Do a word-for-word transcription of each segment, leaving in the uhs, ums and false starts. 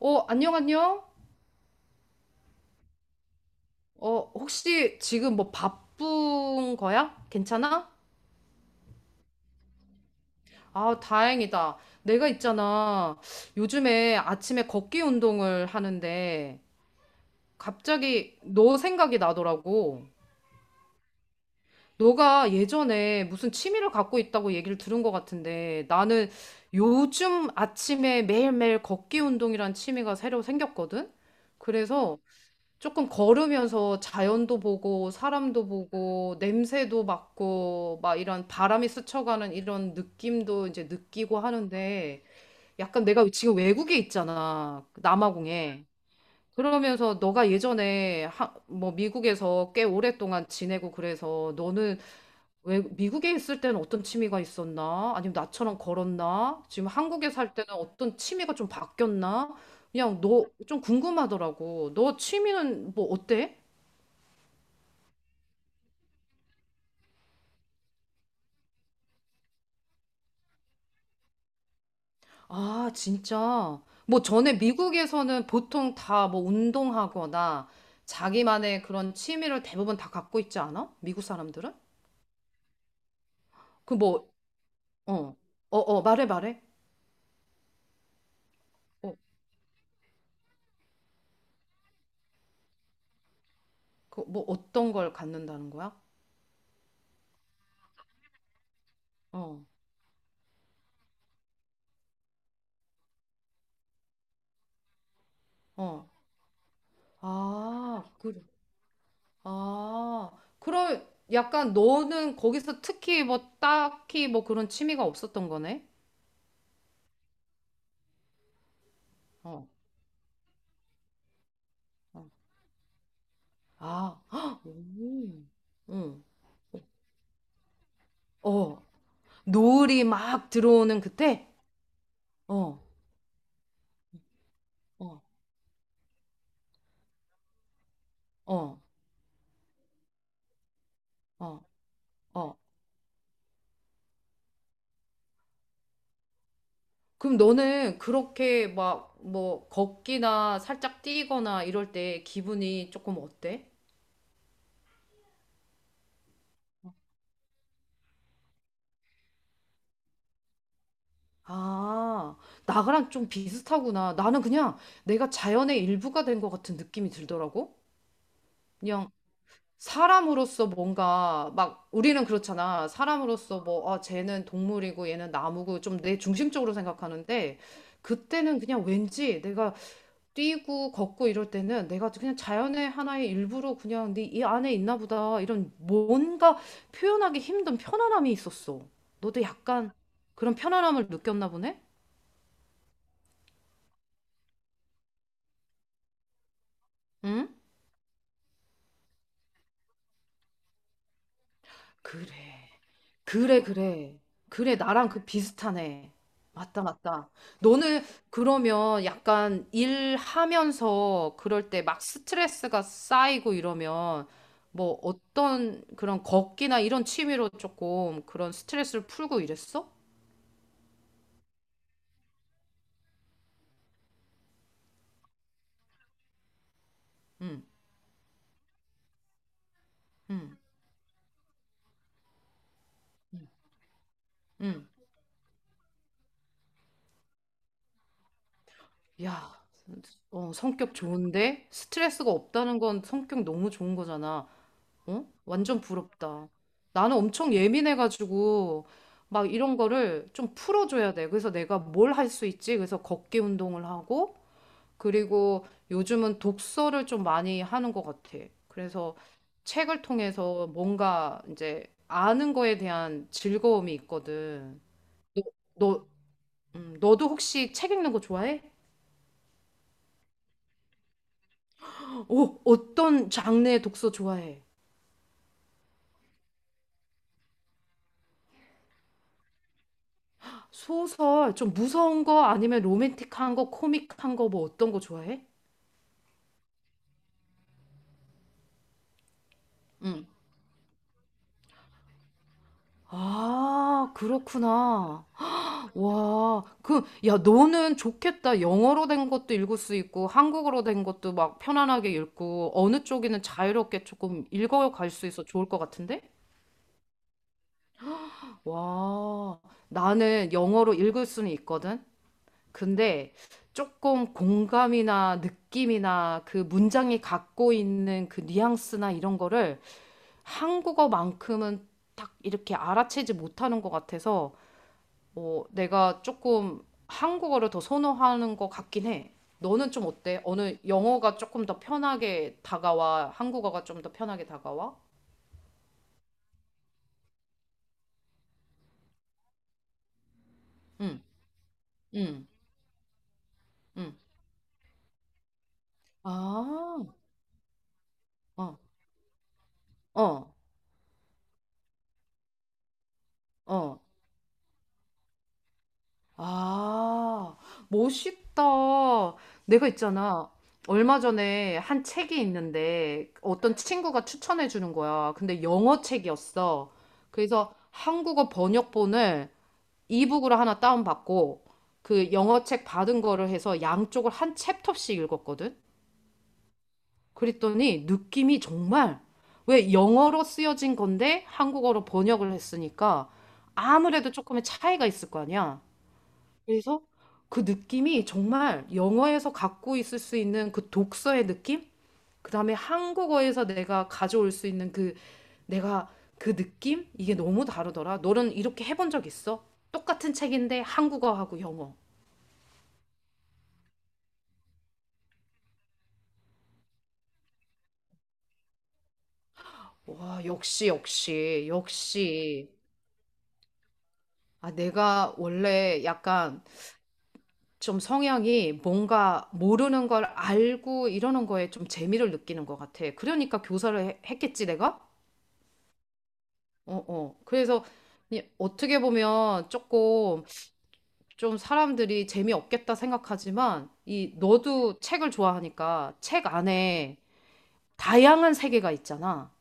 어, 안녕, 안녕. 어, 혹시 지금 뭐 바쁜 거야? 괜찮아? 아, 다행이다. 내가 있잖아. 요즘에 아침에 걷기 운동을 하는데 갑자기 너 생각이 나더라고. 너가 예전에 무슨 취미를 갖고 있다고 얘기를 들은 것 같은데 나는 요즘 아침에 매일매일 걷기 운동이란 취미가 새로 생겼거든? 그래서 조금 걸으면서 자연도 보고 사람도 보고 냄새도 맡고 막 이런 바람이 스쳐가는 이런 느낌도 이제 느끼고 하는데 약간 내가 지금 외국에 있잖아. 남아공에. 그러면서 너가 예전에 하, 뭐 미국에서 꽤 오랫동안 지내고 그래서 너는 왜 미국에 있을 때는 어떤 취미가 있었나? 아니면 나처럼 걸었나? 지금 한국에 살 때는 어떤 취미가 좀 바뀌었나? 그냥 너 좀 궁금하더라고. 너 취미는 뭐 어때? 아, 진짜. 뭐 전에 미국에서는 보통 다 뭐 운동하거나 자기만의 그런 취미를 대부분 다 갖고 있지 않아? 미국 사람들은? 그 뭐, 어, 어, 어, 말해, 말해. 어, 그 뭐 어떤 걸 갖는다는 거야? 어, 어. 아, 그, 아. 그럼 약간 너는 거기서 특히 뭐 딱히 뭐 그런 취미가 없었던 거네? 어, 어. 아, 헉, 오, 응. 어, 노을이 막 들어오는 그때? 어, 어, 어, 어, 어. 그럼 너는 그렇게 막 뭐 걷기나 살짝 뛰거나 이럴 때 기분이 조금 어때? 아, 나랑 좀 비슷하구나. 나는 그냥 내가 자연의 일부가 된 것 같은 느낌이 들더라고. 그냥 사람으로서 뭔가 막 우리는 그렇잖아. 사람으로서 뭐, 아, 쟤는 동물이고 얘는 나무고 좀 내 중심적으로 생각하는데 그때는 그냥 왠지 내가 뛰고 걷고 이럴 때는 내가 그냥 자연의 하나의 일부로 그냥 네 이 안에 있나 보다 이런 뭔가 표현하기 힘든 편안함이 있었어. 너도 약간 그런 편안함을 느꼈나 보네? 응? 그래. 그래, 그래. 그래, 나랑 그 비슷하네. 맞다, 맞다. 너는 그러면 약간 일하면서 그럴 때 막 스트레스가 쌓이고 이러면 뭐 어떤 그런 걷기나 이런 취미로 조금 그런 스트레스를 풀고 이랬어? 응, 응, 응. 응. 야, 어, 성격 좋은데? 스트레스가 없다는 건 성격 너무 좋은 거잖아. 어? 완전 부럽다. 나는 엄청 예민해가지고, 막 이런 거를 좀 풀어줘야 돼. 그래서 내가 뭘 할 수 있지? 그래서 걷기 운동을 하고, 그리고 요즘은 독서를 좀 많이 하는 것 같아. 그래서 책을 통해서 뭔가 이제 아는 거에 대한 즐거움이 있거든. 너, 음, 너도 혹시 책 읽는 거 좋아해? 오, 어떤 장르의 독서 좋아해? 소설, 좀 무서운 거 아니면 로맨틱한 거, 코믹한 거 뭐 어떤 거 좋아해? 응. 아, 그렇구나. 와, 그, 야, 너는 좋겠다. 영어로 된 것도 읽을 수 있고, 한국어로 된 것도 막 편안하게 읽고, 어느 쪽이든 자유롭게 조금 읽어갈 수 있어 좋을 것 같은데? 와, 나는 영어로 읽을 수는 있거든. 근데 조금 공감이나 느낌이나 그 문장이 갖고 있는 그 뉘앙스나 이런 거를 한국어만큼은 딱 이렇게 알아채지 못하는 것 같아서 어, 내가 조금 한국어를 더 선호하는 것 같긴 해. 너는 좀 어때? 어느 영어가 조금 더 편하게 다가와? 한국어가 좀 더 편하게 다가와? 응, 응, 응. 아, 어, 어, 어. 아, 멋있다. 내가 있잖아. 얼마 전에 한 책이 있는데 어떤 친구가 추천해 주는 거야. 근데 영어 책이었어. 그래서 한국어 번역본을 이북으로 하나 다운받고 그 영어 책 받은 거를 해서 양쪽을 한 챕터씩 읽었거든. 그랬더니 느낌이 정말 왜 영어로 쓰여진 건데 한국어로 번역을 했으니까 아무래도 조금의 차이가 있을 거 아니야. 그래서 그 느낌이 정말 영어에서 갖고 있을 수 있는 그 독서의 느낌? 그다음에 한국어에서 내가 가져올 수 있는 그 내가 그 느낌? 이게 너무 다르더라. 너는 이렇게 해본 적 있어? 똑같은 책인데 한국어하고 영어. 와, 역시, 역시, 역시. 아, 내가 원래 약간 좀 성향이 뭔가 모르는 걸 알고 이러는 거에 좀 재미를 느끼는 것 같아. 그러니까 교사를 해- 했겠지, 내가? 어, 어. 그래서 이- 어떻게 보면 조금 좀 사람들이 재미없겠다 생각하지만 이 너도 책을 좋아하니까 책 안에 다양한 세계가 있잖아.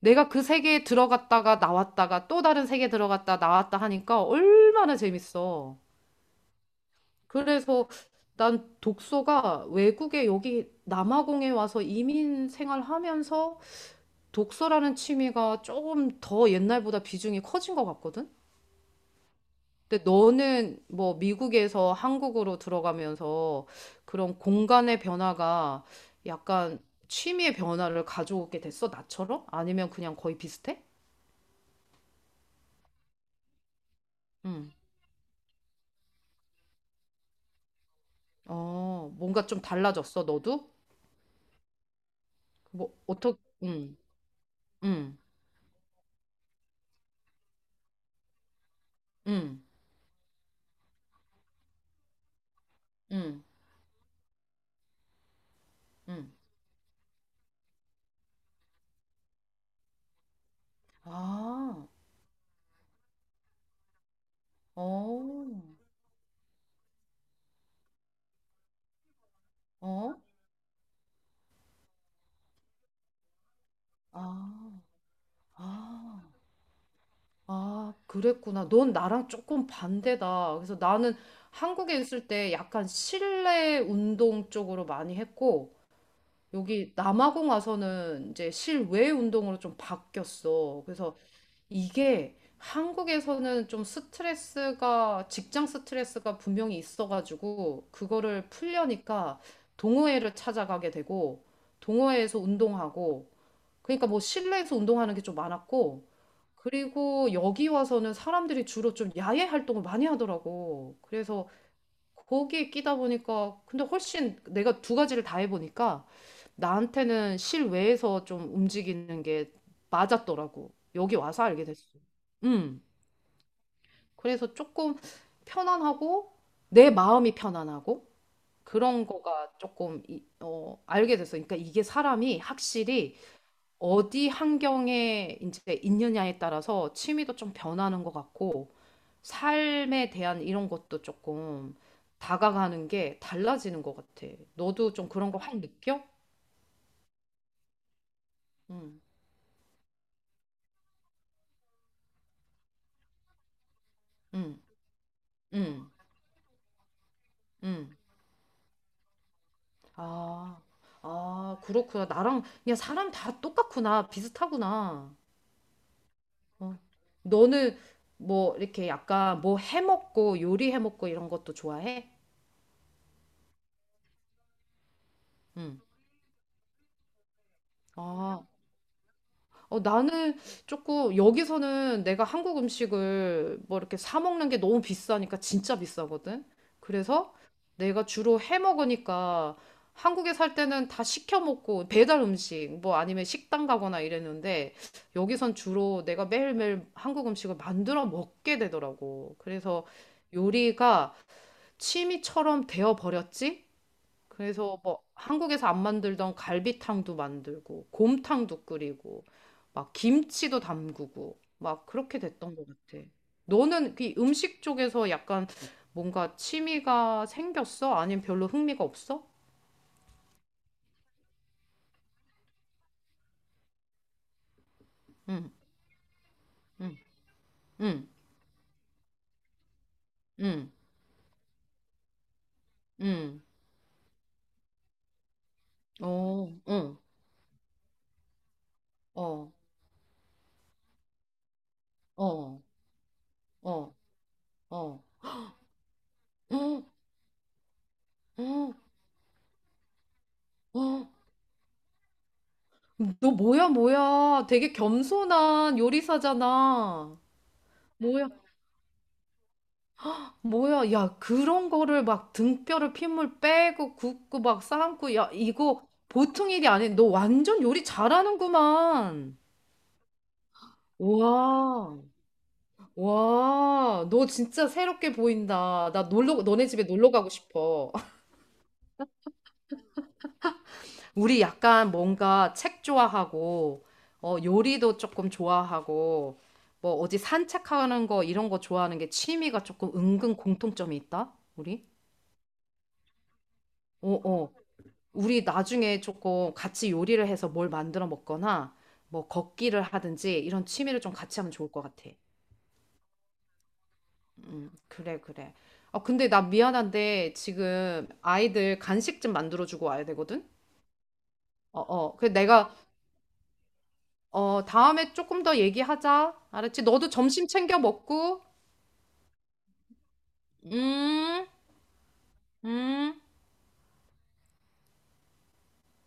내가 그 세계에 들어갔다가 나왔다가 또 다른 세계에 들어갔다 나왔다 하니까 얼마나 재밌어. 그래서 난 독서가 외국에 여기 남아공에 와서 이민 생활하면서 독서라는 취미가 조금 더 옛날보다 비중이 커진 것 같거든? 근데 너는 뭐 미국에서 한국으로 들어가면서 그런 공간의 변화가 약간 취미의 변화를 가져오게 됐어, 나처럼? 아니면 그냥 거의 비슷해? 응. 어, 뭔가 좀 달라졌어, 너도? 뭐, 어떻게, 응, 응, 응, 응, 응. 아, 어, 어, 아, 아. 아, 그랬구나. 넌 나랑 조금 반대다. 그래서 나는 한국에 있을 때 약간 실내 운동 쪽으로 많이 했고, 여기 남아공 와서는 이제 실외 운동으로 좀 바뀌었어. 그래서 이게 한국에서는 좀 스트레스가, 직장 스트레스가 분명히 있어가지고, 그거를 풀려니까 동호회를 찾아가게 되고, 동호회에서 운동하고, 그러니까 뭐 실내에서 운동하는 게 좀 많았고, 그리고 여기 와서는 사람들이 주로 좀 야외 활동을 많이 하더라고. 그래서 거기에 끼다 보니까, 근데 훨씬 내가 두 가지를 다 해보니까 나한테는 실외에서 좀 움직이는 게 맞았더라고. 여기 와서 알게 됐어. 음. 그래서 조금 편안하고 내 마음이 편안하고 그런 거가 조금 이- 어, 알게 됐어. 그러니까 이게 사람이 확실히 어디 환경에 이제 있느냐에 따라서 취미도 좀 변하는 것 같고 삶에 대한 이런 것도 조금 다가가는 게 달라지는 것 같아. 너도 좀 그런 거 확 느껴? 응, 응, 응, 응. 아, 아, 그렇구나. 나랑 그냥 사람 다 똑같구나. 비슷하구나. 어. 너는 뭐 이렇게 약간 뭐 해먹고 요리해먹고 이런 것도 좋아해? 응. 아, 어, 나는 조금 여기서는 내가 한국 음식을 뭐 이렇게 사 먹는 게 너무 비싸니까 진짜 비싸거든. 그래서 내가 주로 해 먹으니까 한국에 살 때는 다 시켜 먹고 배달 음식 뭐 아니면 식당 가거나 이랬는데 여기선 주로 내가 매일매일 한국 음식을 만들어 먹게 되더라고. 그래서 요리가 취미처럼 되어 버렸지? 그래서 뭐 한국에서 안 만들던 갈비탕도 만들고 곰탕도 끓이고 막 김치도 담그고 막 그렇게 됐던 것 같아. 너는 그 음식 쪽에서 약간 뭔가 취미가 생겼어? 아니면 별로 흥미가 없어? 응, 응, 응, 응, 응, 어, 응, 어, 어, 어, 어, 어, 어, 어. 너 뭐야, 뭐야. 되게 겸손한 요리사잖아. 뭐야, 야, 그런 거를 막 등뼈를 핏물 빼고 굽고 막 삶고, 야, 이거 보통 일이 아니야. 너 완전 요리 잘하는구만. 와, 와, 너 진짜 새롭게 보인다. 나 놀러, 너네 집에 놀러 가고 싶어. 우리 약간 뭔가 책 좋아하고, 어, 요리도 조금 좋아하고, 뭐 어디 산책하는 거 이런 거 좋아하는 게 취미가 조금 은근 공통점이 있다, 우리? 어어. 우리 나중에 조금 같이 요리를 해서 뭘 만들어 먹거나 뭐 걷기를 하든지 이런 취미를 좀 같이 하면 좋을 것 같아. 음, 그래, 그래. 아, 근데 나 미안한데 지금 아이들 간식 좀 만들어주고 와야 되거든? 어, 어. 그 내가 어, 다음에 조금 더 얘기하자. 알았지? 너도 점심 챙겨 먹고. 음, 음.